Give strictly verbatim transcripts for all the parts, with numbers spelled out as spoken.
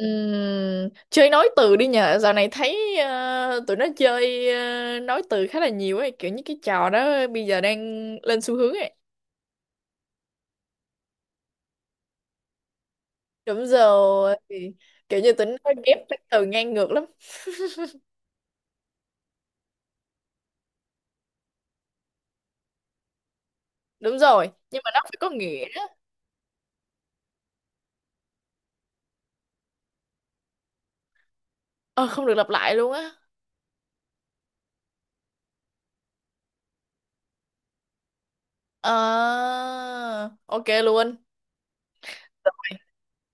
Ừm, chơi nói từ đi nhờ. Dạo này thấy ờ, tụi nó chơi ờ, nói từ khá là nhiều ấy, kiểu như cái trò đó bây giờ đang lên xu hướng ấy. Đúng rồi, thì kiểu như tụi nó ghép cái từ ngang ngược lắm. Đúng rồi, nhưng mà nó phải có nghĩa. ờ, Không được lặp lại luôn á. Ờ, ok luôn.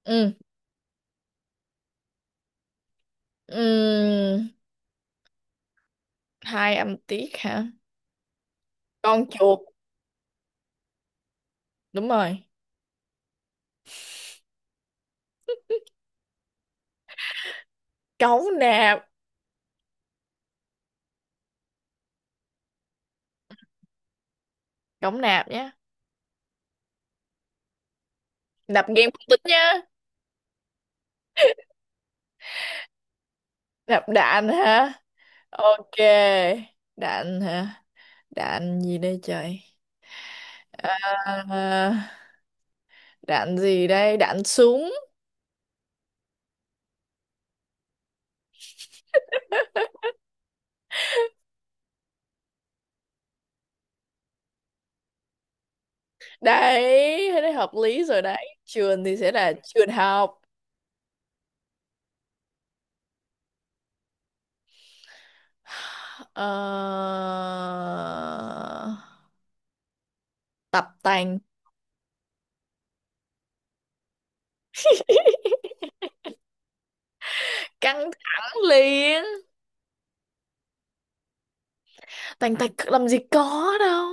Ừ. Ừm, Hai âm tiết hả? Con chuột. Đúng rồi. Cống nạp. Cống nạp nhá. Nạp game không tính nhá. Nạp đạn hả? Ok, đạn hả? Đạn gì đây trời? À, đạn gì đây? Đạn súng. Đấy, thế này hợp lý rồi đấy. Trường thì sẽ là trường học. Ờ, tập tành. Căng thẳng liền. Tành tạch làm gì có đâu.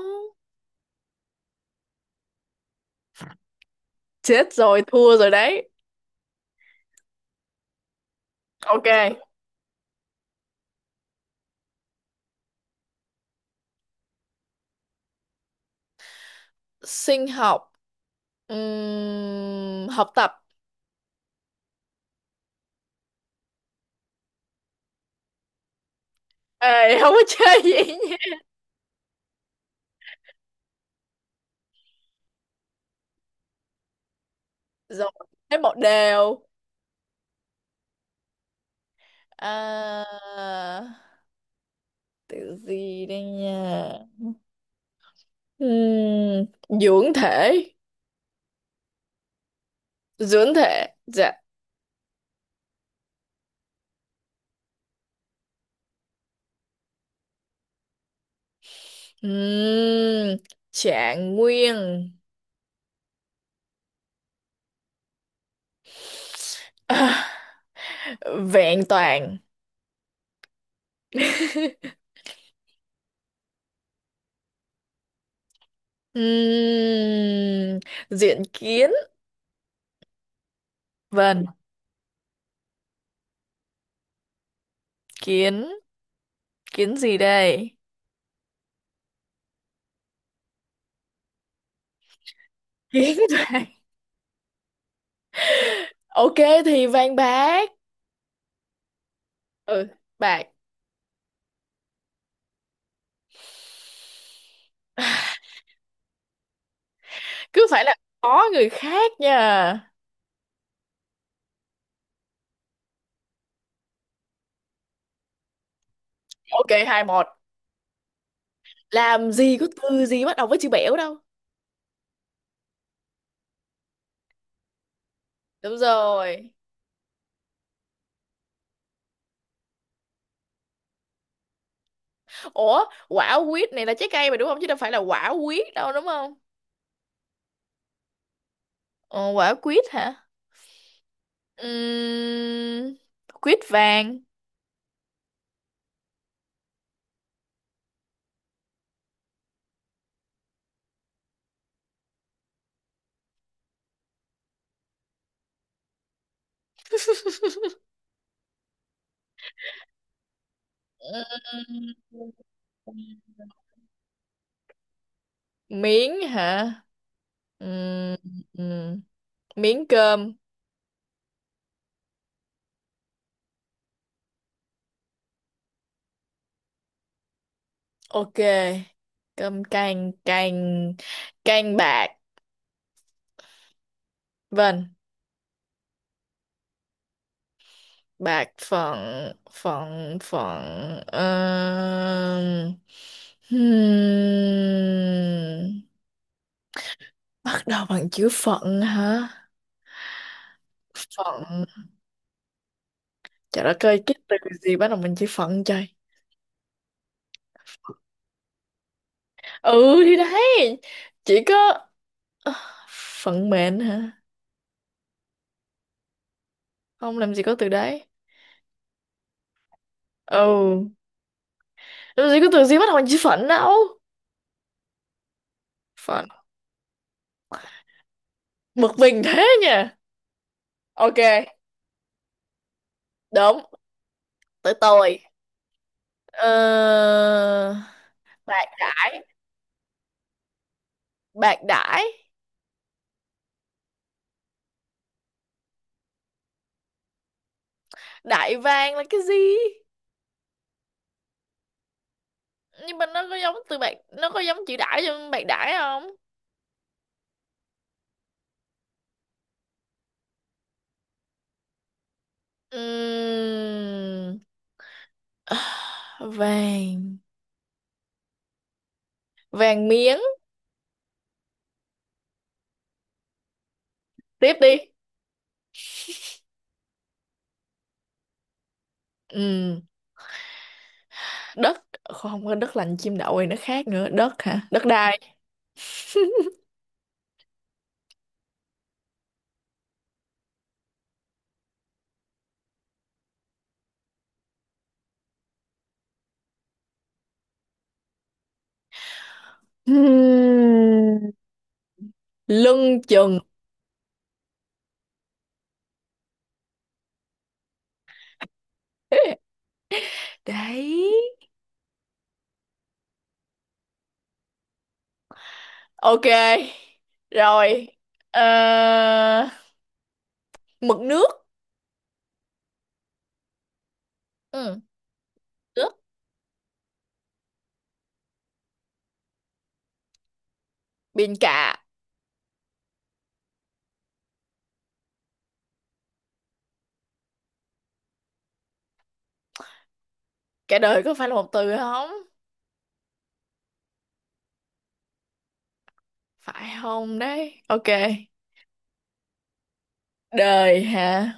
Chết rồi, thua rồi đấy. Ok, sinh học. Ừm, học tập. Ê, không có chơi gì nhỉ? Rồi, thế một đều. À, từ gì đây nha? Ừm, Dưỡng thể, dưỡng thể, dạ. Ừm, Trạng nguyên. À, vẹn toàn. Ừm, Diện kiến, vâng, kiến, kiến gì đây? Kiến vàng. Ok thì vàng bạc. Ừ, bạc. Cứ phải là có người khác nha. Ok, hai một. Làm gì có từ gì bắt đầu với chữ bẻo đâu. Đúng rồi. Ủa, quả quýt này là trái cây mà đúng không, chứ đâu phải là quả quýt đâu đúng không? ờ, Quả quýt hả? Ừm, Quýt vàng. Ừm, Miếng hả? Ừm, ừm, Miếng cơm. Ok. Cơm canh, canh. Canh bạc. Vâng. Bạc phận, phận phận, ờ, hmm, bắt đầu bằng chữ phận hả? Phận. Trời đất ơi, cái từ gì bắt đầu bằng chữ phận trời. Ừ thì đấy, chỉ có. Ờ, phận mệnh hả? Không, làm gì có từ đấy. Ừ. Làm gì có từ gì bắt đầu bằng chữ phận đâu. Phận. Bực mình thế nha. Ok. Đúng. Tới tôi. Ờ, bạc đãi. Bạc đãi. Đại vàng là cái gì? Nhưng mà nó có giống từ bạc, nó có giống chữ đãi trong bạc đãi không? Ừm, vàng. Vàng miếng. Tiếp đi. Ừm, Đất. Không có đất lành chim đậu thì nó khác nữa. Đất hả? Đất đai. Ừm, Lưng chừng. Đấy. Ok, rồi. Ờ, mực nước. Ừ. Nước biển, cả. Cả đời có phải là một từ không? Phải không đấy? Ok. Đời hả?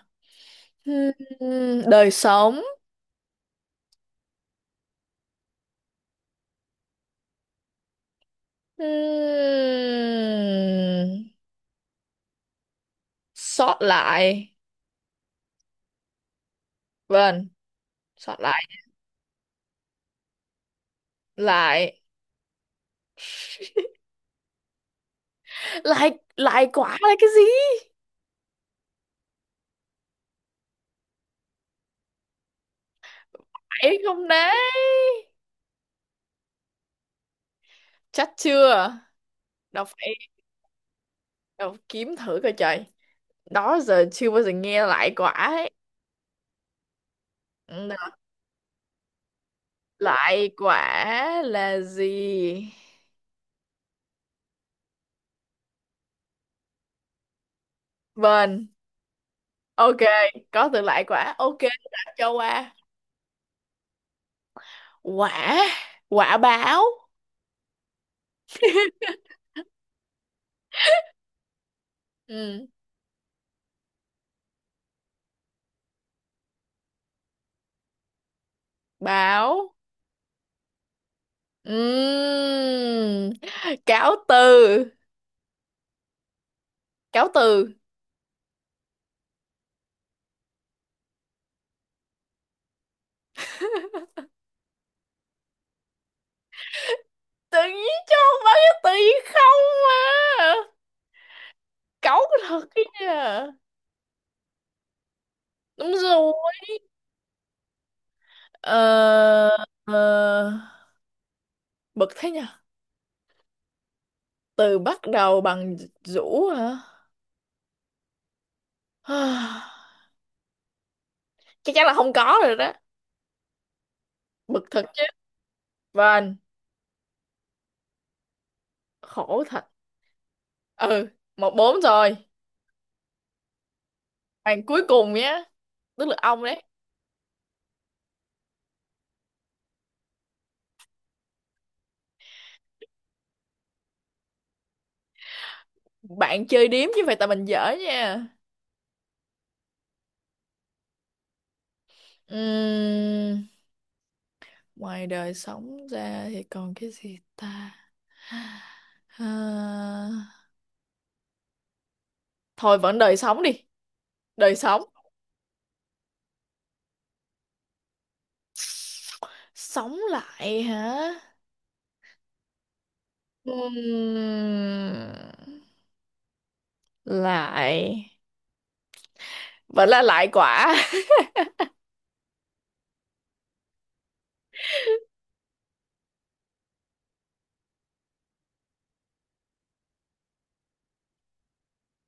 Hmm, đời sống. Hmm, Sót lại. Vâng, sót lại. Lại. Lại lại quả là cái gì? Phải không đấy? Chắc chưa? Đâu phải. Đâu, kiếm thử coi trời. Đó giờ chưa bao giờ nghe lại quả ấy. Ừ, lại quả là gì? Vâng. Ok, có từ lại quả. Ok, đã cho qua. Quả, quả báo. Ừ, báo. Ừm, Cáo từ, cáo từ. Tự nhiên cho bao nhiêu tự nhiên không à. Cáu thật cái nha. Đúng rồi. Ờ, ờ, bực thế nha. Từ bắt đầu bằng rũ hả? Chắc chắn là không có rồi đó. Bực thật chứ. Vâng, khổ thật. Ừ, một bốn rồi. Bạn cuối cùng nhé, tức là ông đấy. Bạn chơi điếm chứ phải tại mình dở nha. Ừm, Ngoài đời sống ra thì còn cái gì ta? À, thôi vẫn đời sống đi, đời sống. Sống lại hả? Ừm, Lại vẫn là lại quả.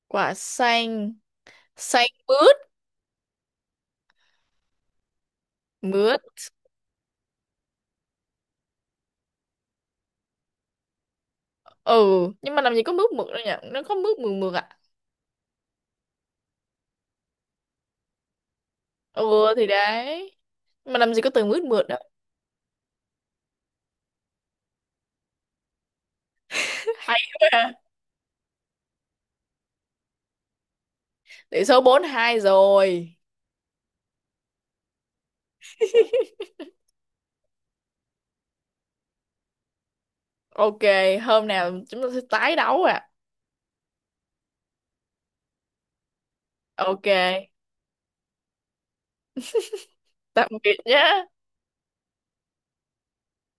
Quả xanh, xanh mướt, mướt. Ừ, nhưng mà làm gì có mướt mượt đâu nhỉ? Nó có mướt mượt mượt à? Ừ thì đấy. Mà làm gì có từ mướt mượt đâu. Hay quá ha. Tỷ số bốn hai rồi. Ok, hôm nào chúng ta sẽ tái đấu ạ. À. Ok, tạm biệt nhé.